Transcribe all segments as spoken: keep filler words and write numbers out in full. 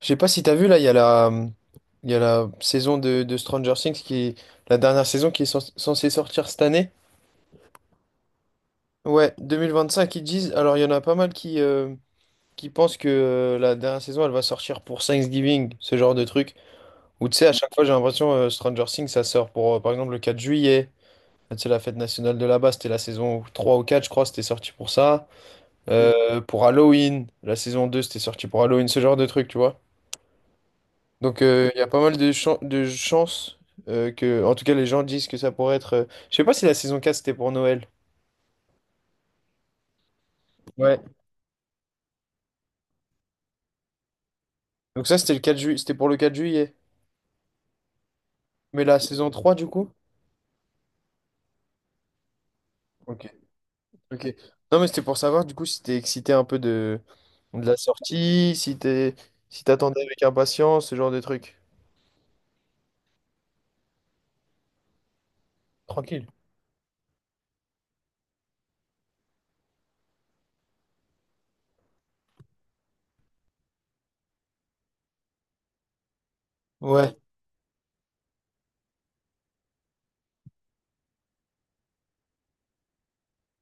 Je sais pas si t'as vu là, il y a la, il y a la saison de, de Stranger Things qui, la dernière saison qui est cens- censée sortir cette année. Ouais, deux mille vingt-cinq ils disent. Alors il y en a pas mal qui, euh, qui pensent que euh, la dernière saison elle va sortir pour Thanksgiving, ce genre de truc. Ou tu sais, à chaque fois j'ai l'impression, euh, Stranger Things ça sort pour, euh, par exemple le quatre juillet. C'est la fête nationale de là-bas, c'était la saison trois ou quatre je crois, c'était sorti pour ça. Mm. Euh, pour Halloween, la saison deux c'était sorti pour Halloween, ce genre de truc, tu vois. Donc euh, il y a pas mal de, chan- de chances, euh, que, en tout cas, les gens disent que ça pourrait être. euh, Je sais pas si la saison quatre c'était pour Noël. Ouais. Donc ça c'était le quatre juillet, c'était pour le quatre juillet. Mais la saison trois du coup? Ok. Ok. Non mais c'était pour savoir du coup si t'es excité un peu de, de la sortie, si t'es si t'attendais avec impatience, ce genre de trucs. Tranquille. Ouais.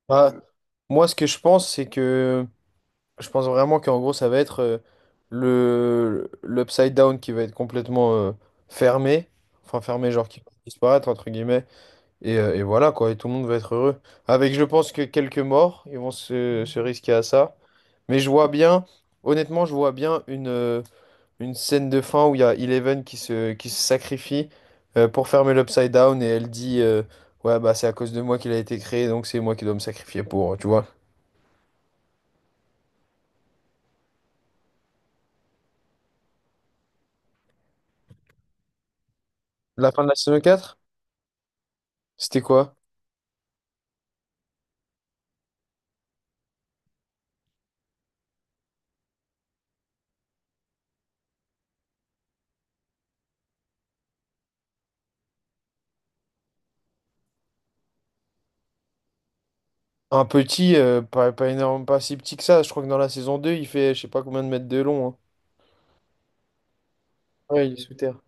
Bah, moi ce que je pense c'est que je pense vraiment qu'en gros, ça va être, euh, le l'upside down qui va être complètement, euh, fermé. Enfin, fermé, genre qui va disparaître, entre guillemets. Et, euh, et voilà, quoi. Et tout le monde va être heureux. Avec, je pense, que quelques morts, ils vont se, se risquer à ça. Mais je vois bien, honnêtement, je vois bien une, euh, une scène de fin où il y a Eleven qui se, qui se sacrifie, euh, pour fermer l'upside down. Et elle dit, euh, ouais, bah, c'est à cause de moi qu'il a été créé, donc c'est moi qui dois me sacrifier pour, tu vois. La fin de la saison quatre c'était quoi? Un petit, euh, pas, pas énorme, pas si petit que ça. Je crois que dans la saison deux, il fait je sais pas combien de mètres de long, hein. Ouais, il est sous terre.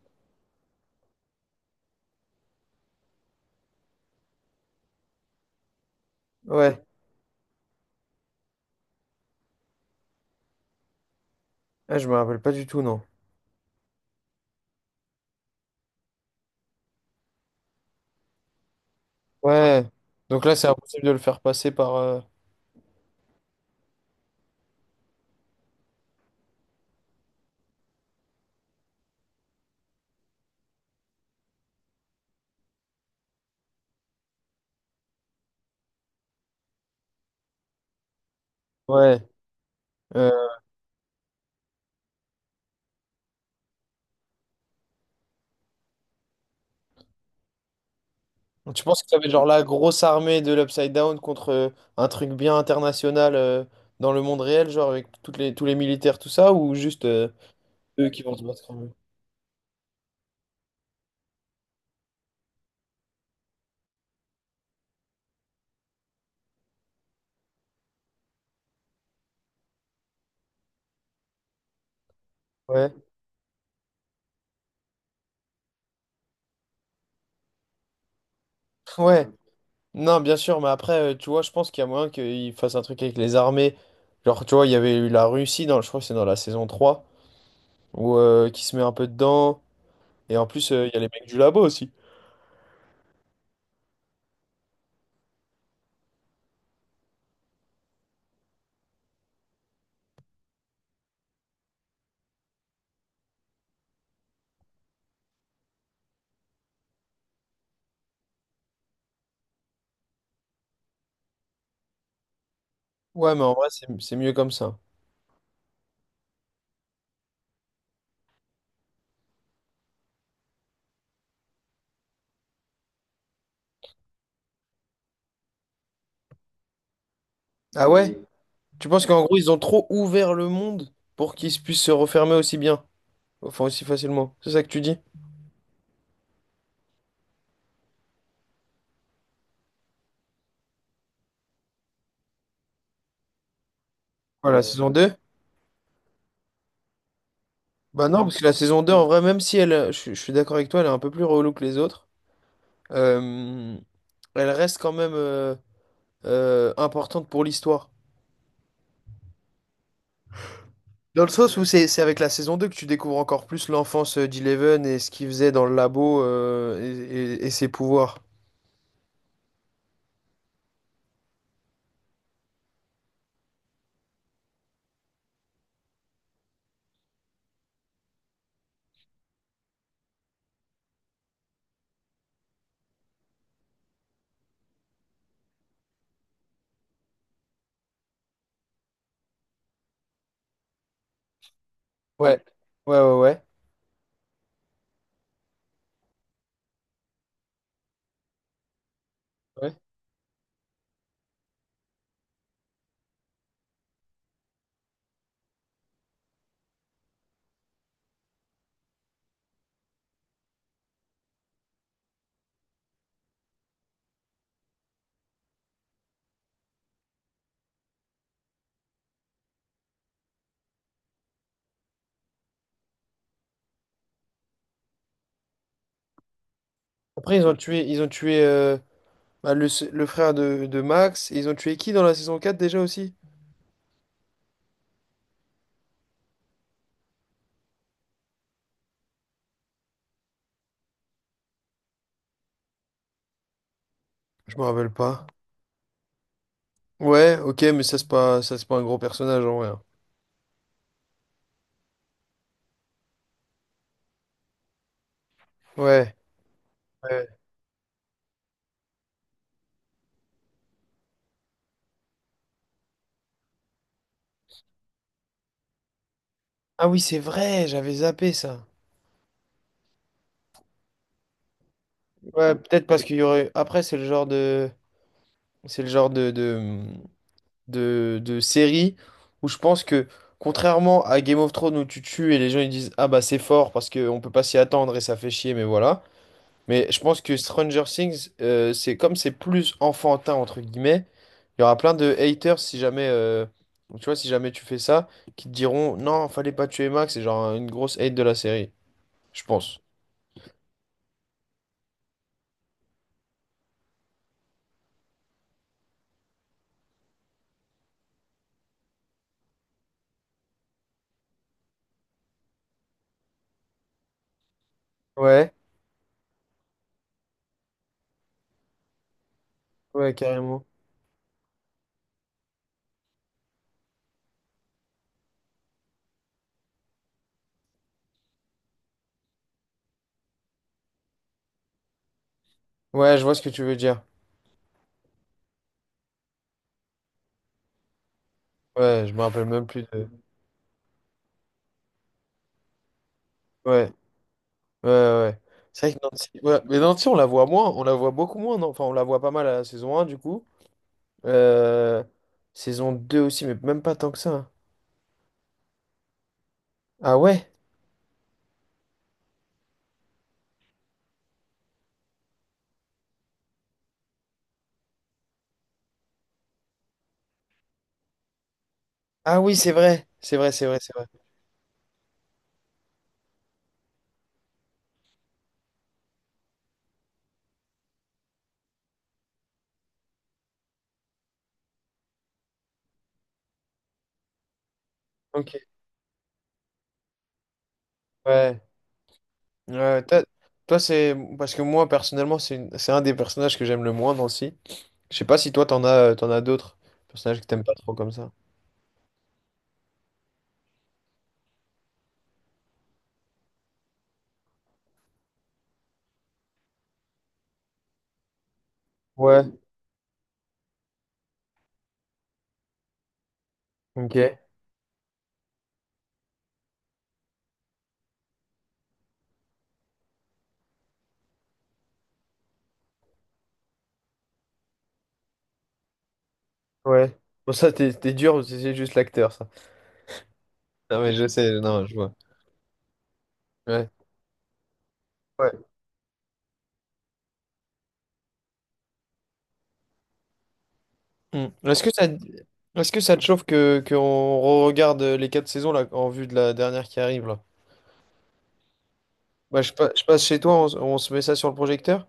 Ouais, ah, je me rappelle pas du tout, non. Ouais. Donc là, c'est impossible de le faire passer par. euh, Ouais. Euh, Tu penses que ça va être genre la grosse armée de l'Upside Down contre, euh, un truc bien international, euh, dans le monde réel, genre avec toutes les, tous les militaires, tout ça, ou juste, euh, eux qui vont se battre quand même? Ouais. Ouais. Non, bien sûr, mais après, euh, tu vois, je pense qu'il y a moyen qu'ils fassent un truc avec les armées. Genre, tu vois, il y avait eu la Russie, dans, je crois que c'est dans la saison trois, où, euh, qui se met un peu dedans. Et en plus, euh, il y a les mecs du labo aussi. Ouais, mais en vrai, c'est c'est mieux comme ça. Ah ouais? Tu penses qu'en gros, ils ont trop ouvert le monde pour qu'ils puissent se refermer aussi bien, enfin aussi facilement. C'est ça que tu dis? Voilà, la saison deux. Bah non, parce que la saison deux, en vrai, même si elle, euh, je, suis je suis d'accord avec toi, elle est un peu plus relou que les autres, euh, elle reste quand même. euh, euh, importante pour l'histoire. Dans le sens où c'est c'est avec la saison deux que tu découvres encore plus l'enfance, euh, d'Eleven et ce qu'il faisait dans le labo, euh, et, et- et ses pouvoirs. Ouais, ouais, ouais, ouais. Ouais. Après, ils ont tué, ils ont tué euh, bah, le, s- le frère de, de Max, et ils ont tué qui dans la saison quatre déjà aussi? Je me rappelle pas. Ouais, ok, mais ça, c'est pas, ça, c'est pas un gros personnage en vrai, hein. Ouais. Ouais. Ah oui, c'est vrai, j'avais zappé ça. Ouais, peut-être parce qu'il y aurait. Après, c'est le genre de. C'est le genre de, de, de, de séries où je pense que, contrairement à Game of Thrones où tu tues et les gens ils disent ah bah c'est fort parce qu'on peut pas s'y attendre et ça fait chier, mais voilà. Mais je pense que Stranger Things, euh, c'est comme c'est plus enfantin entre guillemets, il y aura plein de haters si jamais, euh, tu vois, si jamais tu fais ça, qui te diront non, fallait pas tuer Max, c'est genre une grosse hate de la série, je pense. Ouais, ouais, carrément. Ouais, je vois ce que tu veux dire. Ouais, je me rappelle même plus de. Ouais. Ouais, ouais, ouais. C'est vrai que Nancy, ouais, mais Nancy, on la voit moins, on la voit beaucoup moins, non? Enfin, on la voit pas mal à la saison un du coup. Euh, Saison deux aussi, mais même pas tant que ça, hein. Ah ouais? Ah oui, c'est vrai, c'est vrai, c'est vrai, c'est vrai. Ok, ouais. Ouais, toi toi, c'est. Parce que moi, personnellement, c'est une- c'est un des personnages que j'aime le moins, Nancy. Je sais pas si toi, t'en as, euh, t'en as d'autres personnages que t'aimes pas trop comme ça. Ouais, ok, ouais. Bon, ça, t'es t'es dur, c'est c'est juste l'acteur, ça. Non, mais je sais, non, je vois. Ouais. Ouais. Hmm. Est-ce que ça, est-ce que ça te chauffe que qu'on regarde les quatre saisons là en vue de la dernière qui arrive là? Bah, je, pa- je passe chez toi, on, s- on se met ça sur le projecteur?